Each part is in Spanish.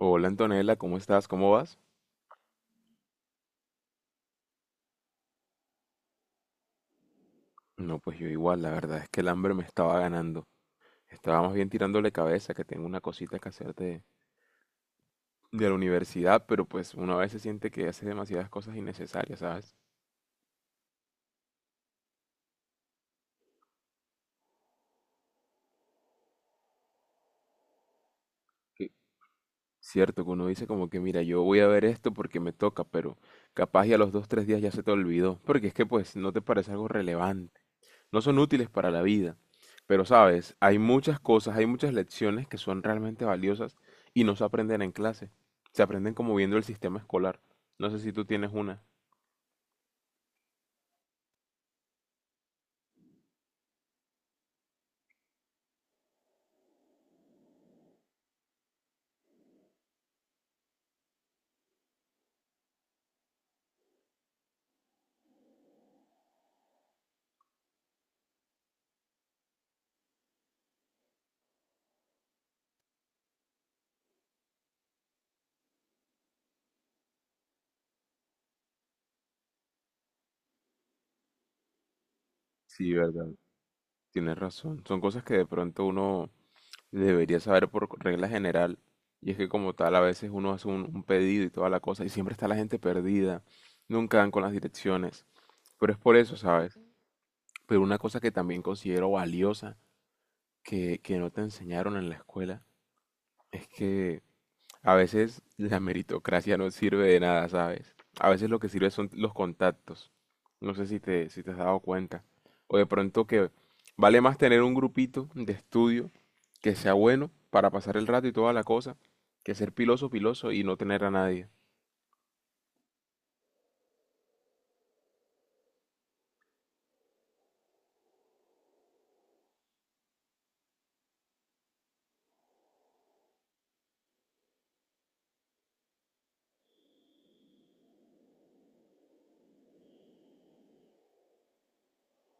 Hola Antonella, ¿cómo estás? ¿Cómo vas? No, pues yo igual, la verdad es que el hambre me estaba ganando. Estaba más bien tirándole cabeza, que tengo una cosita que hacer de la universidad, pero pues uno a veces siente que hace demasiadas cosas innecesarias, ¿sabes? Que- Cierto, que uno dice como que, mira, yo voy a ver esto porque me toca, pero capaz y a los 2, 3 días ya se te olvidó, porque es que pues no te parece algo relevante. No son útiles para la vida. Pero sabes, hay muchas cosas, hay muchas lecciones que son realmente valiosas y no se aprenden en clase. Se aprenden como viendo el sistema escolar. No sé si tú tienes una. Sí, verdad. Tienes razón. Son cosas que de pronto uno debería saber por regla general. Y es que como tal a veces uno hace un pedido y toda la cosa y siempre está la gente perdida. Nunca dan con las direcciones. Pero es por eso, ¿sabes? Pero una cosa que también considero valiosa, que no te enseñaron en la escuela, es que a veces la meritocracia no sirve de nada, ¿sabes? A veces lo que sirve son los contactos. No sé si te has dado cuenta. O de pronto que vale más tener un grupito de estudio que sea bueno para pasar el rato y toda la cosa, que ser piloso, piloso y no tener a nadie.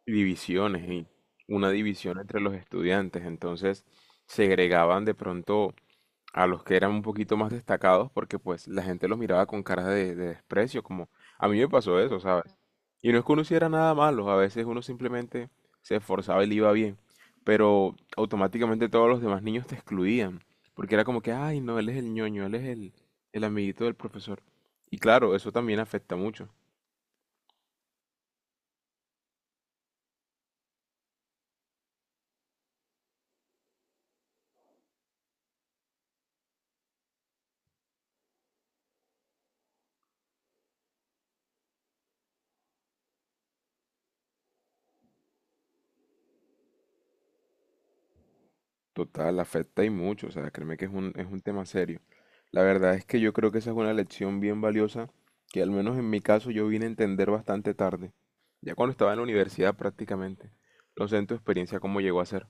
Divisiones y una división entre los estudiantes. Entonces segregaban de pronto a los que eran un poquito más destacados porque pues la gente los miraba con caras de desprecio, como a mí me pasó eso, ¿sabes? Y no es que uno hiciera nada malo, a veces uno simplemente se esforzaba y le iba bien, pero automáticamente todos los demás niños te excluían, porque era como que, ay, no, él es el ñoño, él es el amiguito del profesor. Y claro, eso también afecta mucho. Total, afecta y mucho, o sea, créeme que es un tema serio. La verdad es que yo creo que esa es una lección bien valiosa que al menos en mi caso yo vine a entender bastante tarde, ya cuando estaba en la universidad prácticamente. No sé en tu experiencia cómo llegó a ser.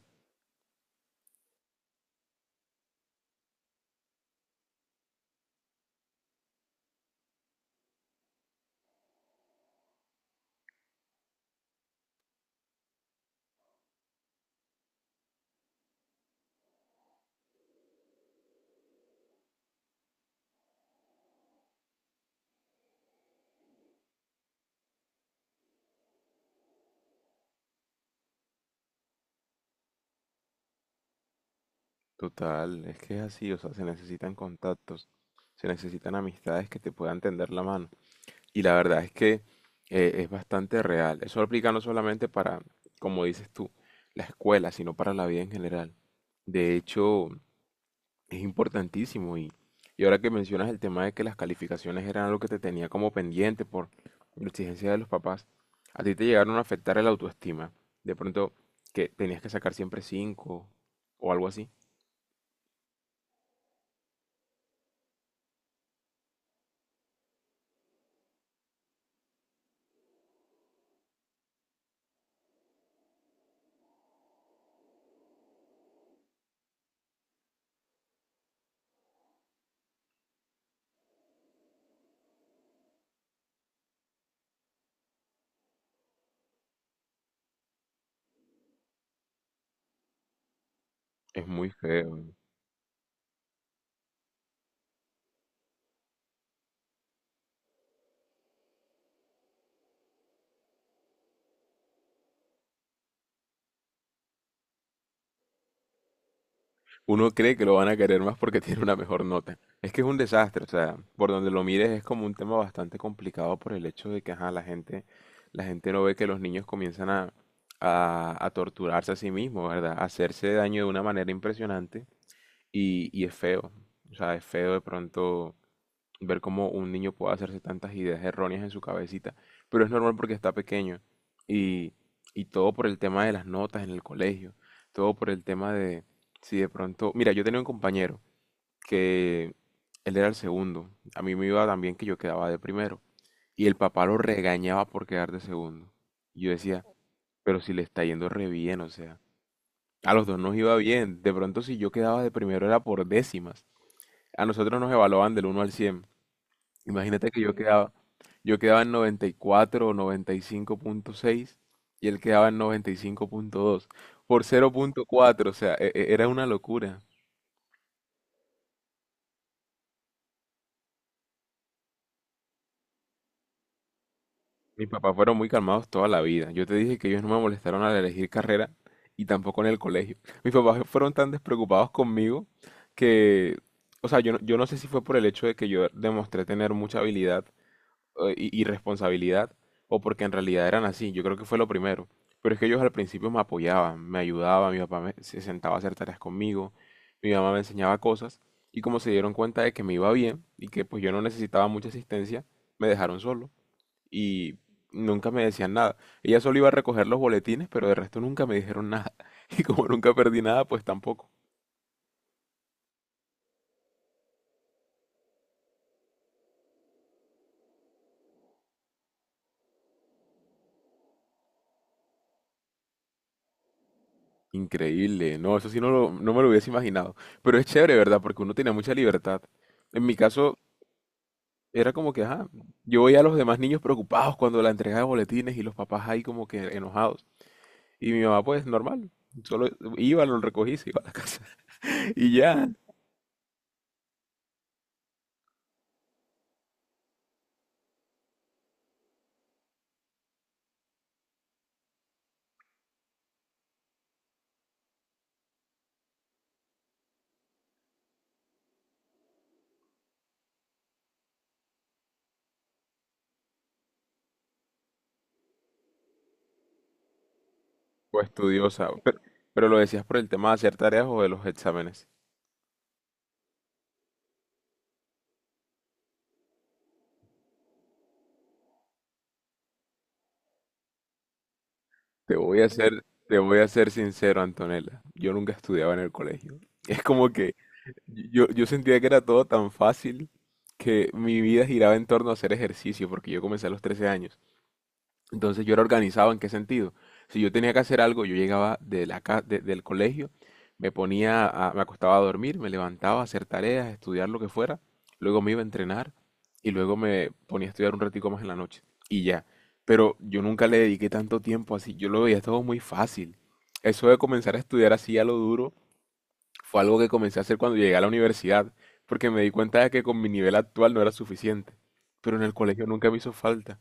Total, es que es así, o sea, se necesitan contactos, se necesitan amistades que te puedan tender la mano. Y la verdad es que es bastante real. Eso aplica no solamente para, como dices tú, la escuela, sino para la vida en general. De hecho, es importantísimo y ahora que mencionas el tema de que las calificaciones eran algo que te tenía como pendiente por la exigencia de los papás, a ti te llegaron a afectar el autoestima. De pronto que tenías que sacar siempre 5 o algo así. Es muy feo. Uno cree que lo van a querer más porque tiene una mejor nota. Es que es un desastre, o sea, por donde lo mires es como un tema bastante complicado por el hecho de que ajá, la gente no ve que los niños comienzan a torturarse a sí mismos, ¿verdad? A hacerse daño de una manera impresionante. Y es feo, o sea, es feo de pronto ver cómo un niño puede hacerse tantas ideas erróneas en su cabecita, pero es normal porque está pequeño y, y todo por el tema de las notas en el colegio, todo por el tema de si de pronto, mira, yo tenía un compañero que él era el segundo, a mí me iba también que yo quedaba de primero y el papá lo regañaba por quedar de segundo. Y yo decía, pero si le está yendo re bien, o sea, a los dos nos iba bien, de pronto si yo quedaba de primero era por décimas. A nosotros nos evaluaban del 1 al 100. Imagínate que yo quedaba en 94 o 95,6 y él quedaba en 95,2 por 0,4, o sea, era una locura. Mis papás fueron muy calmados toda la vida. Yo te dije que ellos no me molestaron al elegir carrera y tampoco en el colegio. Mis papás fueron tan despreocupados conmigo que, o sea, yo no sé si fue por el hecho de que yo demostré tener mucha habilidad y responsabilidad o porque en realidad eran así. Yo creo que fue lo primero. Pero es que ellos al principio me apoyaban, me ayudaban, se sentaba a hacer tareas conmigo, mi mamá me enseñaba cosas y como se dieron cuenta de que me iba bien y que pues yo no necesitaba mucha asistencia, me dejaron solo y nunca me decían nada. Ella solo iba a recoger los boletines, pero de resto nunca me dijeron nada. Y como nunca perdí nada, pues tampoco. Increíble, no, eso sí no, no me lo hubiese imaginado. Pero es chévere, ¿verdad? Porque uno tenía mucha libertad. En mi caso, era como que, ajá, yo veía a los demás niños preocupados cuando la entrega de boletines y los papás ahí como que enojados. Y mi mamá, pues, normal, solo iba, lo recogí, se iba a la casa. Y ya, o estudiosa. Pero lo decías por el tema de hacer tareas o de los exámenes. Te voy a ser sincero, Antonella. Yo nunca estudiaba en el colegio. Es como que yo sentía que era todo tan fácil que mi vida giraba en torno a hacer ejercicio, porque yo comencé a los 13 años. Entonces yo era organizado en qué sentido. Si yo tenía que hacer algo, yo llegaba de la ca- de- del colegio, me acostaba a dormir, me levantaba a hacer tareas, estudiar lo que fuera, luego me iba a entrenar y luego me ponía a estudiar un ratico más en la noche y ya. Pero yo nunca le dediqué tanto tiempo así, yo lo veía todo muy fácil. Eso de comenzar a estudiar así a lo duro fue algo que comencé a hacer cuando llegué a la universidad, porque me di cuenta de que con mi nivel actual no era suficiente, pero en el colegio nunca me hizo falta.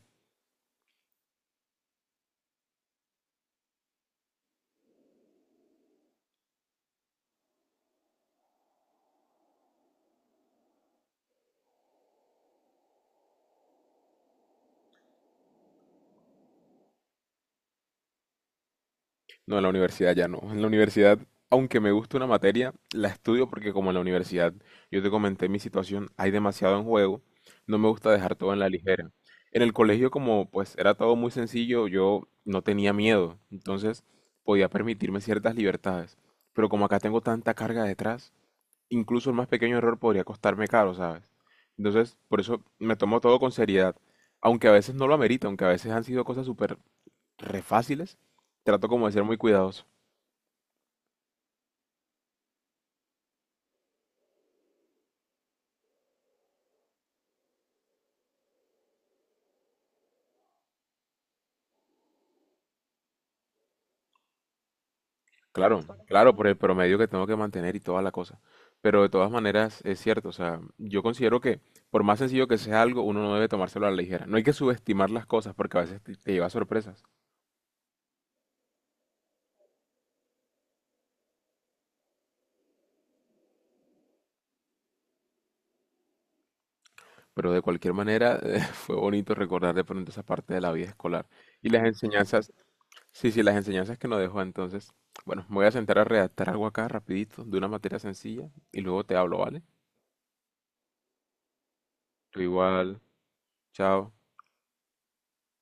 No, en la universidad ya no. En la universidad, aunque me gusta una materia, la estudio porque como en la universidad yo te comenté mi situación, hay demasiado en juego, no me gusta dejar todo en la ligera. En el colegio como pues era todo muy sencillo, yo no tenía miedo, entonces podía permitirme ciertas libertades. Pero como acá tengo tanta carga detrás, incluso el más pequeño error podría costarme caro, ¿sabes? Entonces, por eso me tomo todo con seriedad, aunque a veces no lo amerita, aunque a veces han sido cosas súper re fáciles, trato como de ser muy cuidadoso. Claro, claro, por el promedio que tengo que mantener y toda la cosa. Pero de todas maneras es cierto, o sea, yo considero que por más sencillo que sea algo, uno no debe tomárselo a la ligera. No hay que subestimar las cosas porque a veces te lleva a sorpresas. Pero de cualquier manera fue bonito recordar de pronto esa parte de la vida escolar. Y las enseñanzas, sí, sí, las enseñanzas que nos dejó entonces. Bueno, me voy a sentar a redactar algo acá rapidito de una materia sencilla y luego te hablo, ¿vale? Tú igual, chao.